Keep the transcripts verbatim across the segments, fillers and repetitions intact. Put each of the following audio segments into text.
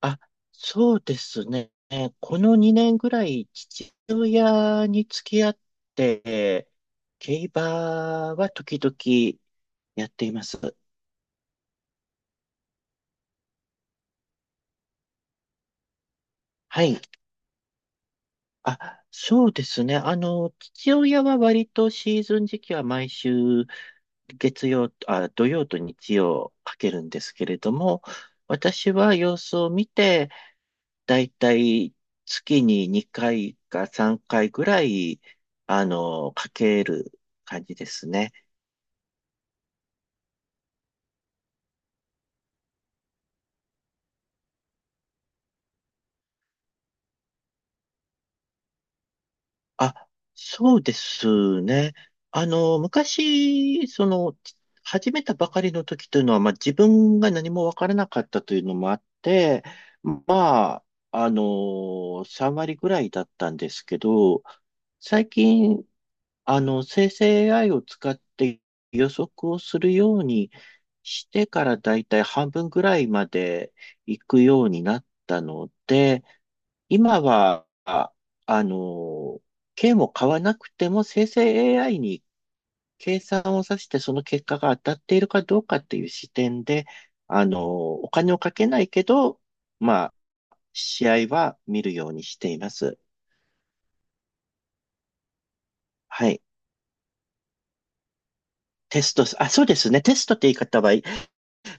あ、そうですね。このにねんぐらい、父親に付き合って、競馬は時々やっています。はい。あ、そうですね。あの、父親は割とシーズン時期は毎週月曜、あ、土曜と日曜かけるんですけれども、私は様子を見て、だいたい月ににかいかさんかいぐらい、あの、かける感じですね。あ、そうですね。あの、昔、その、始めたばかりの時というのは、まあ、自分が何もわからなかったというのもあって、まあ、あの、さん割ぐらいだったんですけど、最近、あの、生成 エーアイ を使って予測をするようにしてからだいたい半分ぐらいまで行くようになったので、今は、ああの、券を買わなくても生成 エーアイ に計算をさせてその結果が当たっているかどうかっていう視点で、あの、お金をかけないけど、まあ、試合は見るようにしています。はい。テスト、あ、そうですね。テストって言い方は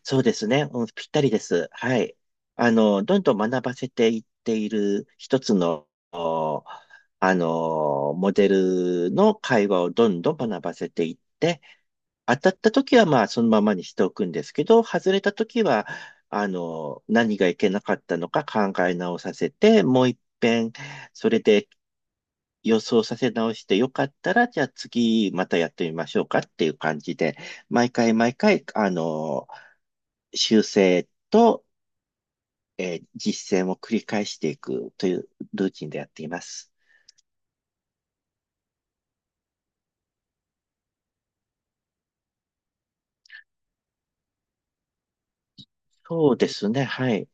そうですね。うん、ぴったりです。はい。あの、どんどん学ばせていっている一つの、おあの、モデルの会話をどんどん学ばせていって、当たった時はまあそのままにしておくんですけど、外れた時は、あの、何がいけなかったのか考え直させて、もう一遍、それで予想させ直してよかったら、じゃあ次またやってみましょうかっていう感じで、毎回毎回、あの、修正と、えー実践を繰り返していくというルーティンでやっています。そうですね、はい。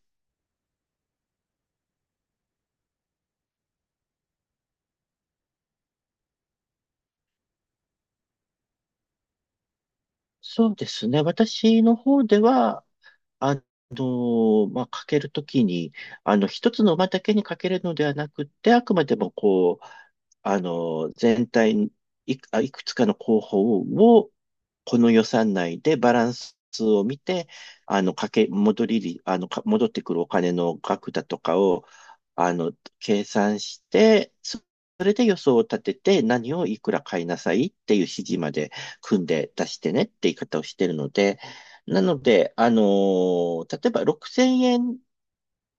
そうですね。私の方では、あの、まあ、かけるときに、あの、一つの馬だけにかけるのではなくて、あくまでもこう、あの、全体にいく、あいくつかの候補を、この予算内でバランスを見て、あの、かけ、戻りり、あの、か戻ってくるお金の額だとかを、あの、計算して、そそれで予想を立てて、何をいくら買いなさいっていう指示まで組んで出してねって言い方をしてるので、なので、あのー例えばろくせんえん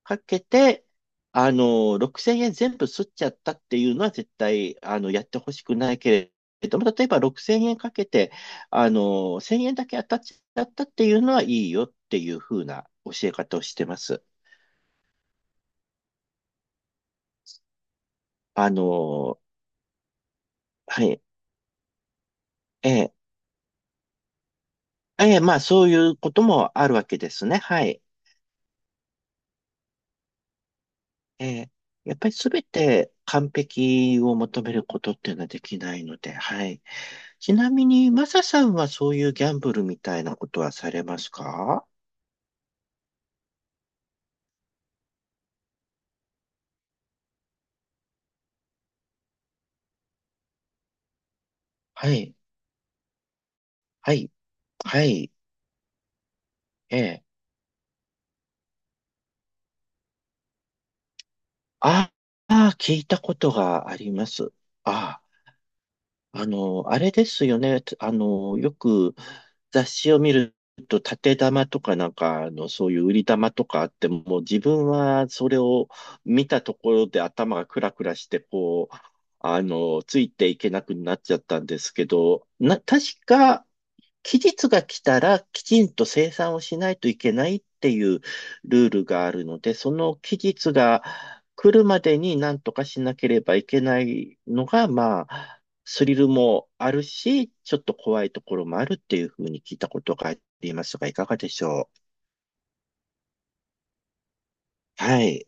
かけて、あのーろくせんえん全部吸っちゃったっていうのは絶対、あの、やってほしくないけれども、例えばろくせんえんかけて、あのーせんえんだけ当たっちゃったっていうのはいいよっていうふうな教え方をしてます。あのーはい。ええ、ええ、まあそういうこともあるわけですね。はい。ええやっぱりすべて完璧を求めることっていうのはできないので、はい。ちなみに、マサさんはそういうギャンブルみたいなことはされますか？はい、はい、はい、ええ。ああ、聞いたことがあります。ああ。あの、あれですよね。あの、よく雑誌を見ると、縦玉とかなんか、あの、そういう売り玉とかあって、もう自分はそれを見たところで頭がクラクラして、こう、あの、ついていけなくなっちゃったんですけど、な、確か、期日が来たらきちんと生産をしないといけないっていうルールがあるので、その期日が来るまでに何とかしなければいけないのが、まあ、スリルもあるし、ちょっと怖いところもあるっていうふうに聞いたことがありますが、いかがでしょう？はい。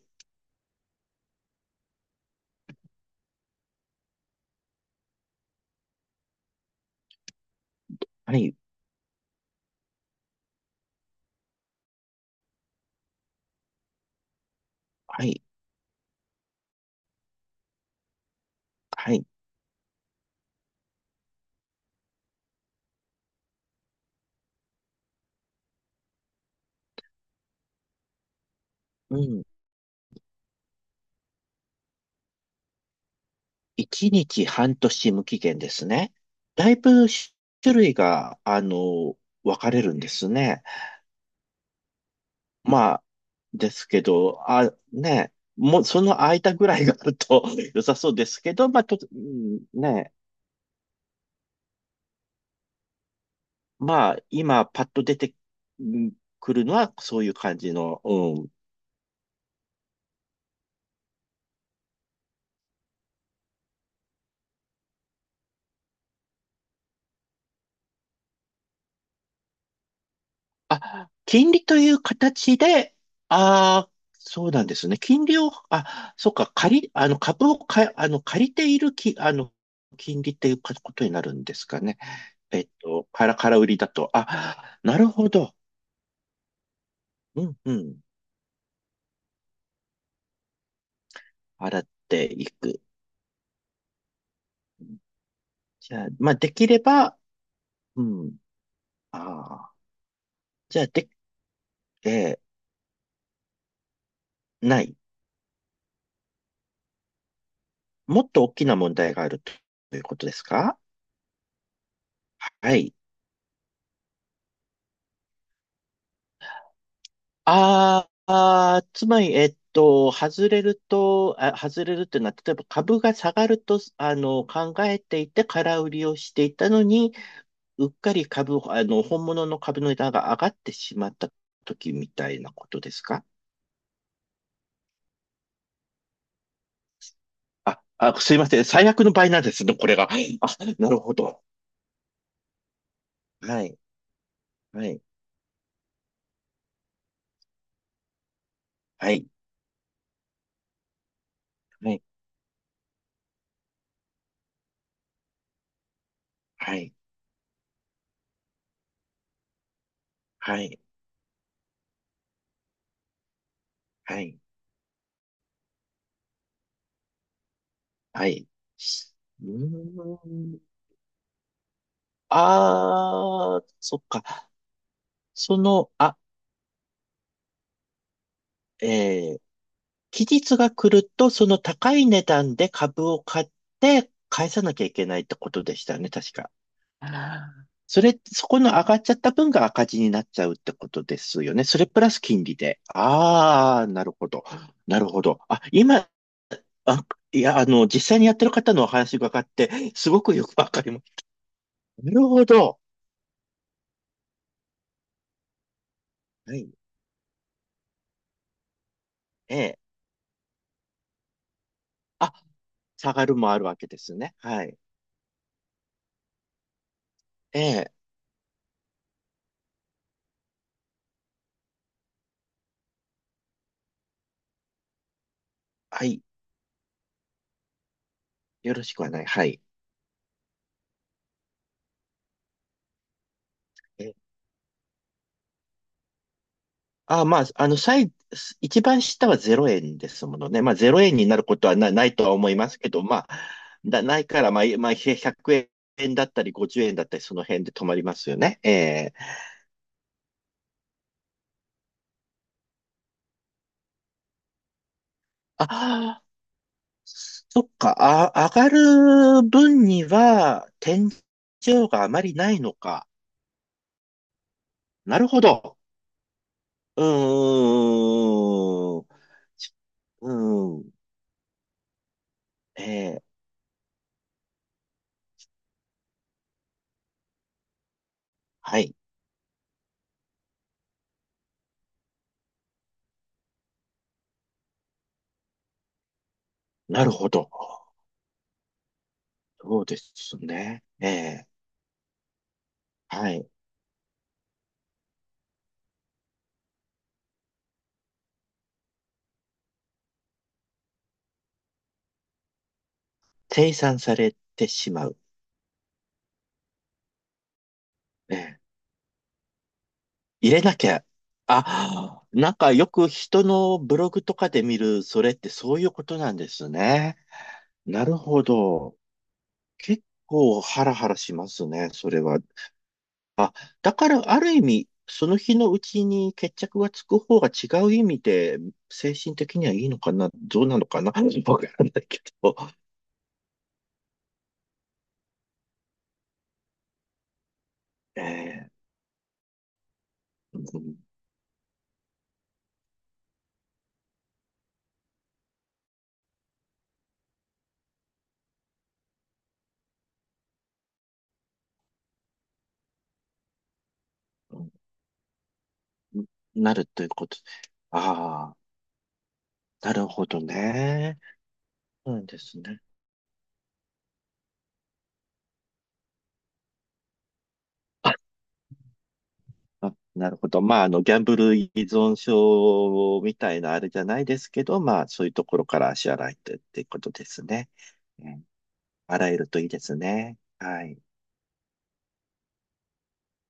はい。はい。はい。うん。いちにちはん年無期限ですね。だいぶ種類が、あの、分かれるんですね。まあ、ですけど、あ、ね、もうその空いたぐらいがあると 良さそうですけど、まあ、と、うんね、まあ、今パッと出てうんくるのはそういう感じの、うん。あ、金利という形で、ああ、そうなんですね。金利を、あ、そっか、借り、あの、株をか、あの、借りているき、あの、金利っていうかことになるんですかね。えっと、から、空売りだと。あ、なるほど。うん、うん。払っていく。じゃあ、まあ、できれば、うん。ああ。じゃあ、で、えーない。もっと大きな問題があるとということですか？はい。あーあー、つまり、えっと、外れると、あ、外れるっていうのは、例えば株が下がると、あの、考えていて空売りをしていたのに、うっかり株、あの、本物の株の値段が上がってしまった時みたいなことですか？あ、あ、すいません。最悪の場合なんですね、これが。あ、なるほど。はい。はい。はい、はい、はい、はい、はい、はい。うーん。あー、そっか。その、あ、えー、期日が来ると、その高い値段で株を買って返さなきゃいけないってことでしたよね、確か。あーそれ、そこの上がっちゃった分が赤字になっちゃうってことですよね。それプラス金利で。ああ、なるほど。なるほど。あ、今、あ、いや、あの、実際にやってる方のお話伺って、すごくよくわかります。なるほど。はい。ええ。あ、下がるもあるわけですね。はい。ええ。はい。よろしくはない。はい。えあ、まあ、あの、最、一番下はぜろえんですものね。まあ、0円になることはな、ないとは思いますけど、まあ、だ、ないから、まあ、まあ、ひゃくえんだったり、ごじゅうえんだったり、その辺で止まりますよね。ええ。ああ、そっか。あ、上がる分には、天井があまりないのか。なるほど。うーん。うん。ええ。はい。なるほど。そうですね。ええ。はい。計算されてしまう。ええ入れなきゃ。あ、なんかよく人のブログとかで見る、それってそういうことなんですね。なるほど。結構ハラハラしますね、それは。だからある意味、その日のうちに決着がつく方が違う意味で、精神的にはいいのかな、どうなのかな、わからないけど、ええ。うん。うん。なるということ。ああ、なるほどね。そうなんですね。ああなるほど。まあ、あの、ギャンブル依存症みたいなあれじゃないですけど、まあ、そういうところから足洗いとっていうことですね。うん。洗えるといいですね。はい。